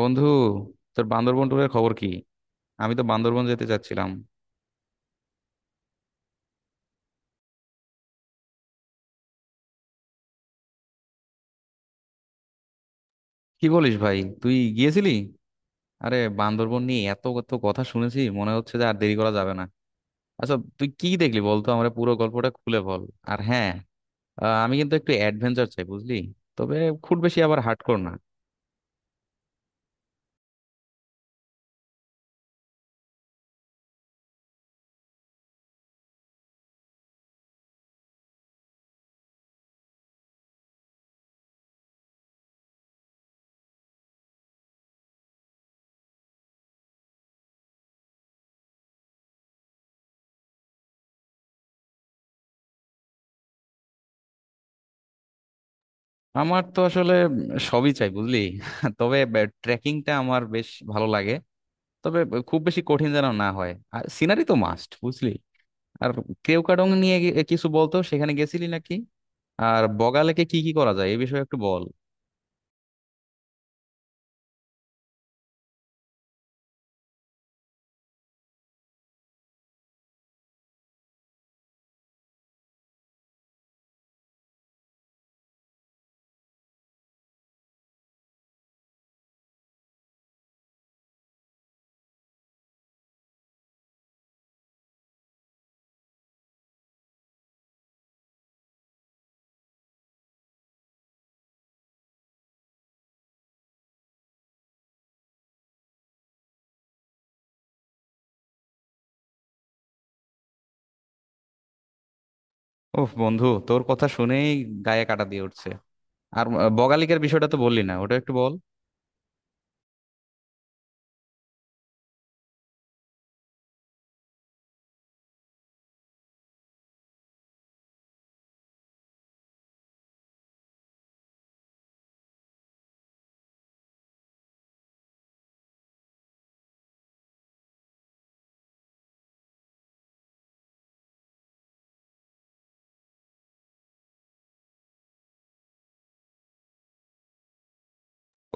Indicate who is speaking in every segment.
Speaker 1: বন্ধু, তোর বান্দরবন ট্যুরের খবর কি? আমি তো বান্দরবন যেতে চাচ্ছিলাম। কি বলিস ভাই, তুই গিয়েছিলি? আরে, বান্দরবন নিয়ে এত কত কথা শুনেছি, মনে হচ্ছে যে আর দেরি করা যাবে না। আচ্ছা, তুই কি দেখলি বলতো, আমার পুরো গল্পটা খুলে বল। আর হ্যাঁ, আমি কিন্তু একটু অ্যাডভেঞ্চার চাই, বুঝলি? তবে খুব বেশি আবার হার্ডকোর না। আমার তো আসলে সবই চাই, বুঝলি? তবে ট্রেকিংটা আমার বেশ ভালো লাগে। তবে খুব বেশি কঠিন যেন না হয়, আর সিনারি তো মাস্ট, বুঝলি? আর কেওক্রাডং নিয়ে কিছু বলতো, সেখানে গেছিলি নাকি? আর বগালেকে কি কি করা যায়, এই বিষয়ে একটু বল। ওহ বন্ধু, তোর কথা শুনেই গায়ে কাটা দিয়ে উঠছে। আর বগালিকার বিষয়টা তো বললি না, ওটা একটু বল।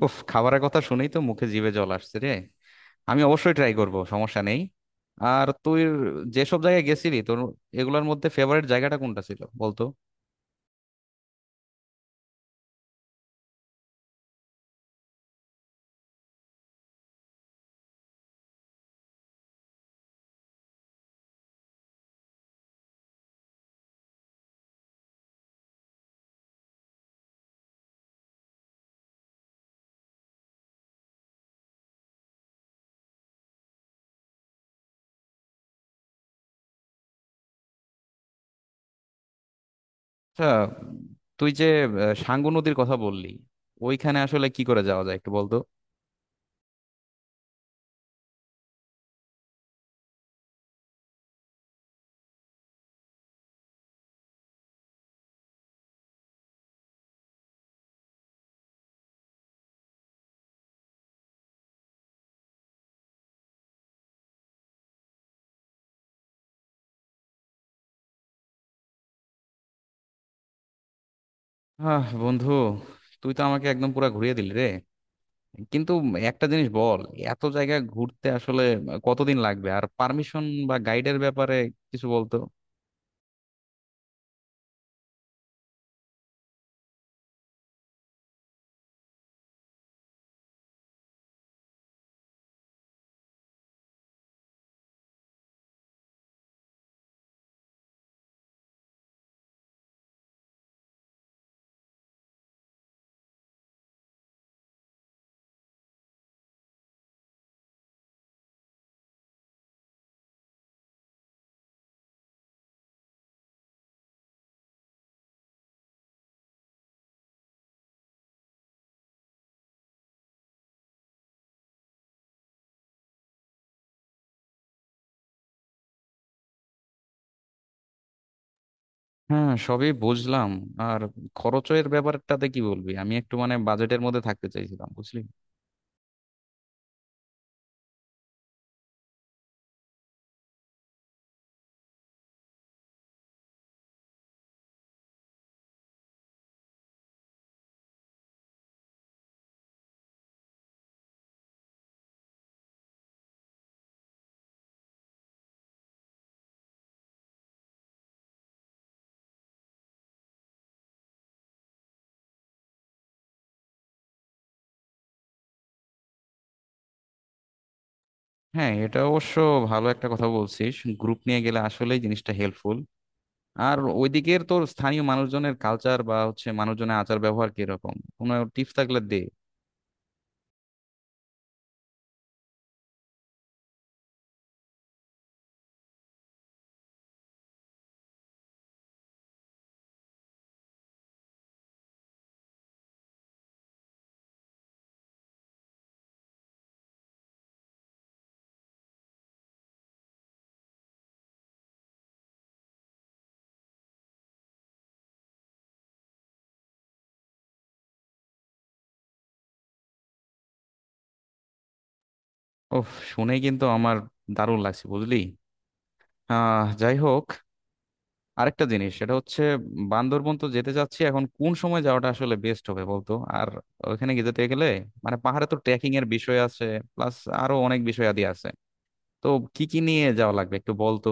Speaker 1: ওফ, খাবারের কথা শুনেই তো মুখে, জিভে জল আসছে রে। আমি অবশ্যই ট্রাই করব, সমস্যা নেই। আর তুই যেসব জায়গায় গেছিলি, তোর এগুলোর মধ্যে ফেভারিট জায়গাটা কোনটা ছিল বলতো। আচ্ছা, তুই যে সাঙ্গু নদীর কথা বললি, ওইখানে আসলে কি করে যাওয়া যায় একটু বলতো। হ্যাঁ বন্ধু, তুই তো আমাকে একদম পুরা ঘুরিয়ে দিলি রে। কিন্তু একটা জিনিস বল, এত জায়গা ঘুরতে আসলে কতদিন লাগবে, আর পারমিশন বা গাইডের ব্যাপারে কিছু বলতো। হ্যাঁ, সবই বুঝলাম। আর খরচের ব্যাপারটাতে কি বলবি? আমি একটু মানে বাজেটের মধ্যে থাকতে চাইছিলাম, বুঝলি? হ্যাঁ, এটা অবশ্য ভালো একটা কথা বলছিস। গ্রুপ নিয়ে গেলে আসলেই জিনিসটা হেল্পফুল। আর ওইদিকের তোর স্থানীয় মানুষজনের কালচার, বা হচ্ছে মানুষজনের আচার ব্যবহার কিরকম, কোনো টিপস থাকলে দে। ওহ, শুনে কিন্তু আমার দারুণ লাগছে, বুঝলি? যাই হোক, আরেকটা জিনিস সেটা হচ্ছে, বান্দরবন তো যেতে চাচ্ছি, এখন কোন সময় যাওয়াটা আসলে বেস্ট হবে বলতো। আর ওইখানে গিয়ে যেতে গেলে, মানে পাহাড়ে তো ট্রেকিং এর বিষয় আছে, প্লাস আরো অনেক বিষয় আদি আছে, তো কি কি নিয়ে যাওয়া লাগবে একটু বলতো।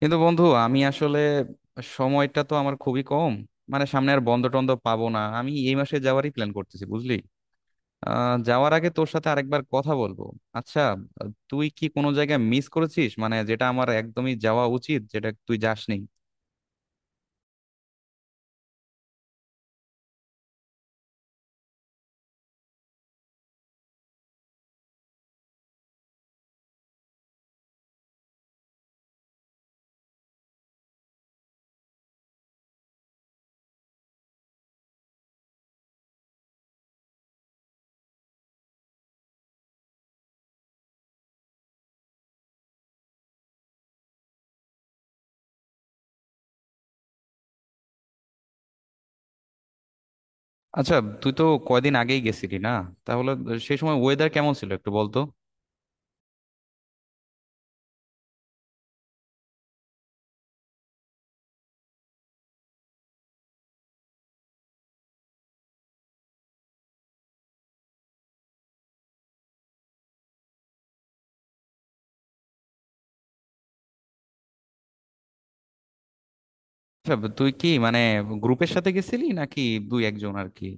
Speaker 1: কিন্তু বন্ধু, আমি আসলে সময়টা তো আমার খুবই কম, মানে সামনে আর বন্ধ টন্ধ পাবো না, আমি এই মাসে যাওয়ারই প্ল্যান করতেছি, বুঝলি? যাওয়ার আগে তোর সাথে আরেকবার কথা বলবো। আচ্ছা, তুই কি কোনো জায়গায় মিস করেছিস, মানে যেটা আমার একদমই যাওয়া উচিত, যেটা তুই যাসনি? আচ্ছা, তুই তো কয়দিন আগেই গেছিলি না, তাহলে সেই সময় ওয়েদার কেমন ছিল একটু বলতো। আচ্ছা, তুই কি মানে গ্রুপের সাথে গেছিলি, নাকি দুই একজন আর কি?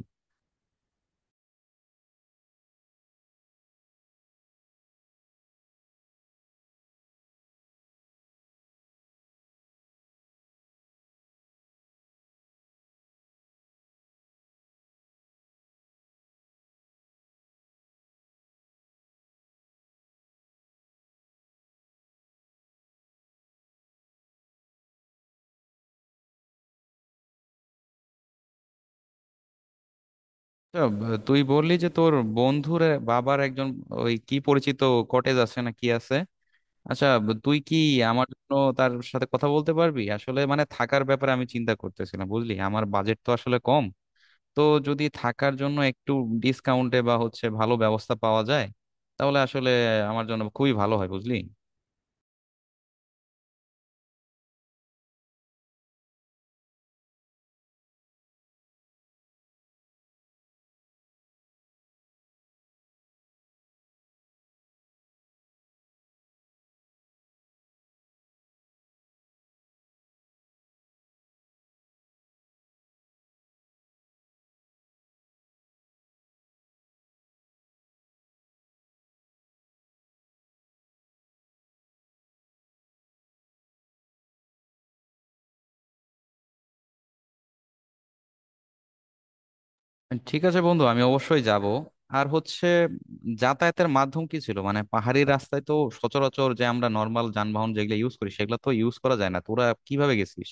Speaker 1: আচ্ছা, তুই বললি যে তোর বন্ধুর বাবার একজন ওই কি পরিচিত কটেজ আছে, না কি আছে? আচ্ছা, তুই কি আমার জন্য তার সাথে কথা বলতে পারবি? আসলে মানে থাকার ব্যাপারে আমি চিন্তা করতেছিলাম, বুঝলি? আমার বাজেট তো আসলে কম, তো যদি থাকার জন্য একটু ডিসকাউন্টে বা হচ্ছে ভালো ব্যবস্থা পাওয়া যায়, তাহলে আসলে আমার জন্য খুবই ভালো হয়, বুঝলি? ঠিক আছে বন্ধু, আমি অবশ্যই যাব। আর হচ্ছে, যাতায়াতের মাধ্যম কি ছিল? মানে পাহাড়ি রাস্তায় তো সচরাচর যে আমরা নর্মাল যানবাহন যেগুলো ইউজ করি, সেগুলো তো ইউজ করা যায় না, তোরা কিভাবে গেছিস?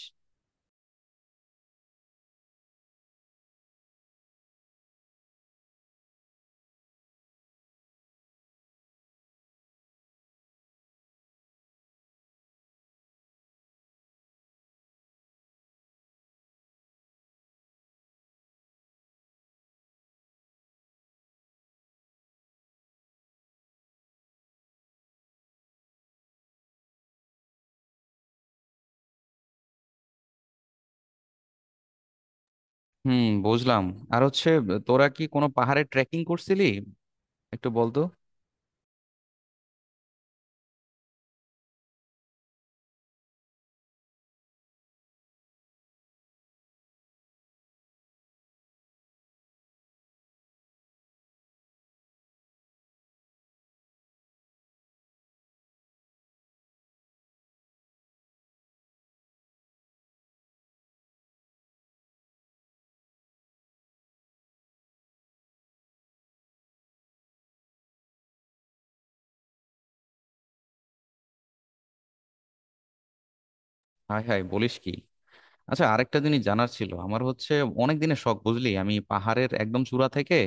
Speaker 1: হুম, বুঝলাম। আর হচ্ছে, তোরা কি কোনো পাহাড়ে ট্রেকিং করছিলি, একটু বলতো। হাই হাই, বলিস কি! আচ্ছা, আরেকটা জিনিস জানার ছিল আমার, হচ্ছে অনেক দিনের শখ, বুঝলি, আমি পাহাড়ের একদম চূড়া থেকে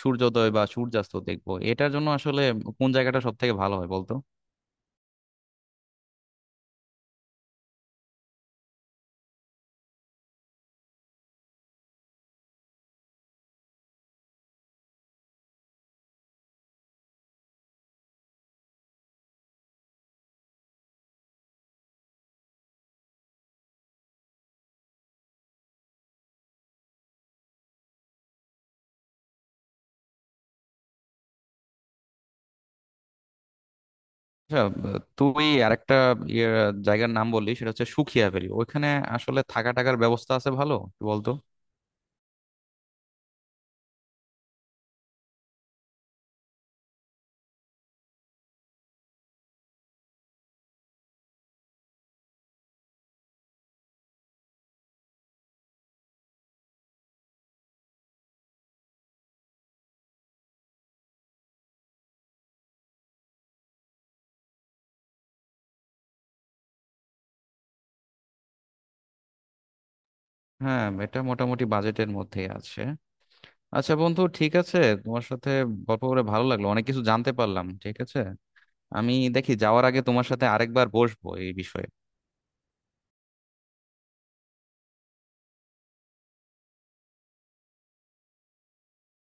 Speaker 1: সূর্যোদয় বা সূর্যাস্ত দেখবো, এটার জন্য আসলে কোন জায়গাটা সব থেকে ভালো হয় বলতো। আচ্ছা, তুই আরেকটা ইয়ে জায়গার নাম বললি, সেটা হচ্ছে সুখিয়া ভ্যালি, ওইখানে আসলে থাকা টাকার ব্যবস্থা আছে ভালো, একটু বলতো। হ্যাঁ, এটা মোটামুটি বাজেটের মধ্যেই আছে। আচ্ছা বন্ধু, ঠিক আছে, তোমার সাথে গল্প করে ভালো লাগলো, অনেক কিছু জানতে পারলাম। ঠিক আছে, আমি দেখি যাওয়ার আগে তোমার সাথে আরেকবার বসবো এই বিষয়ে।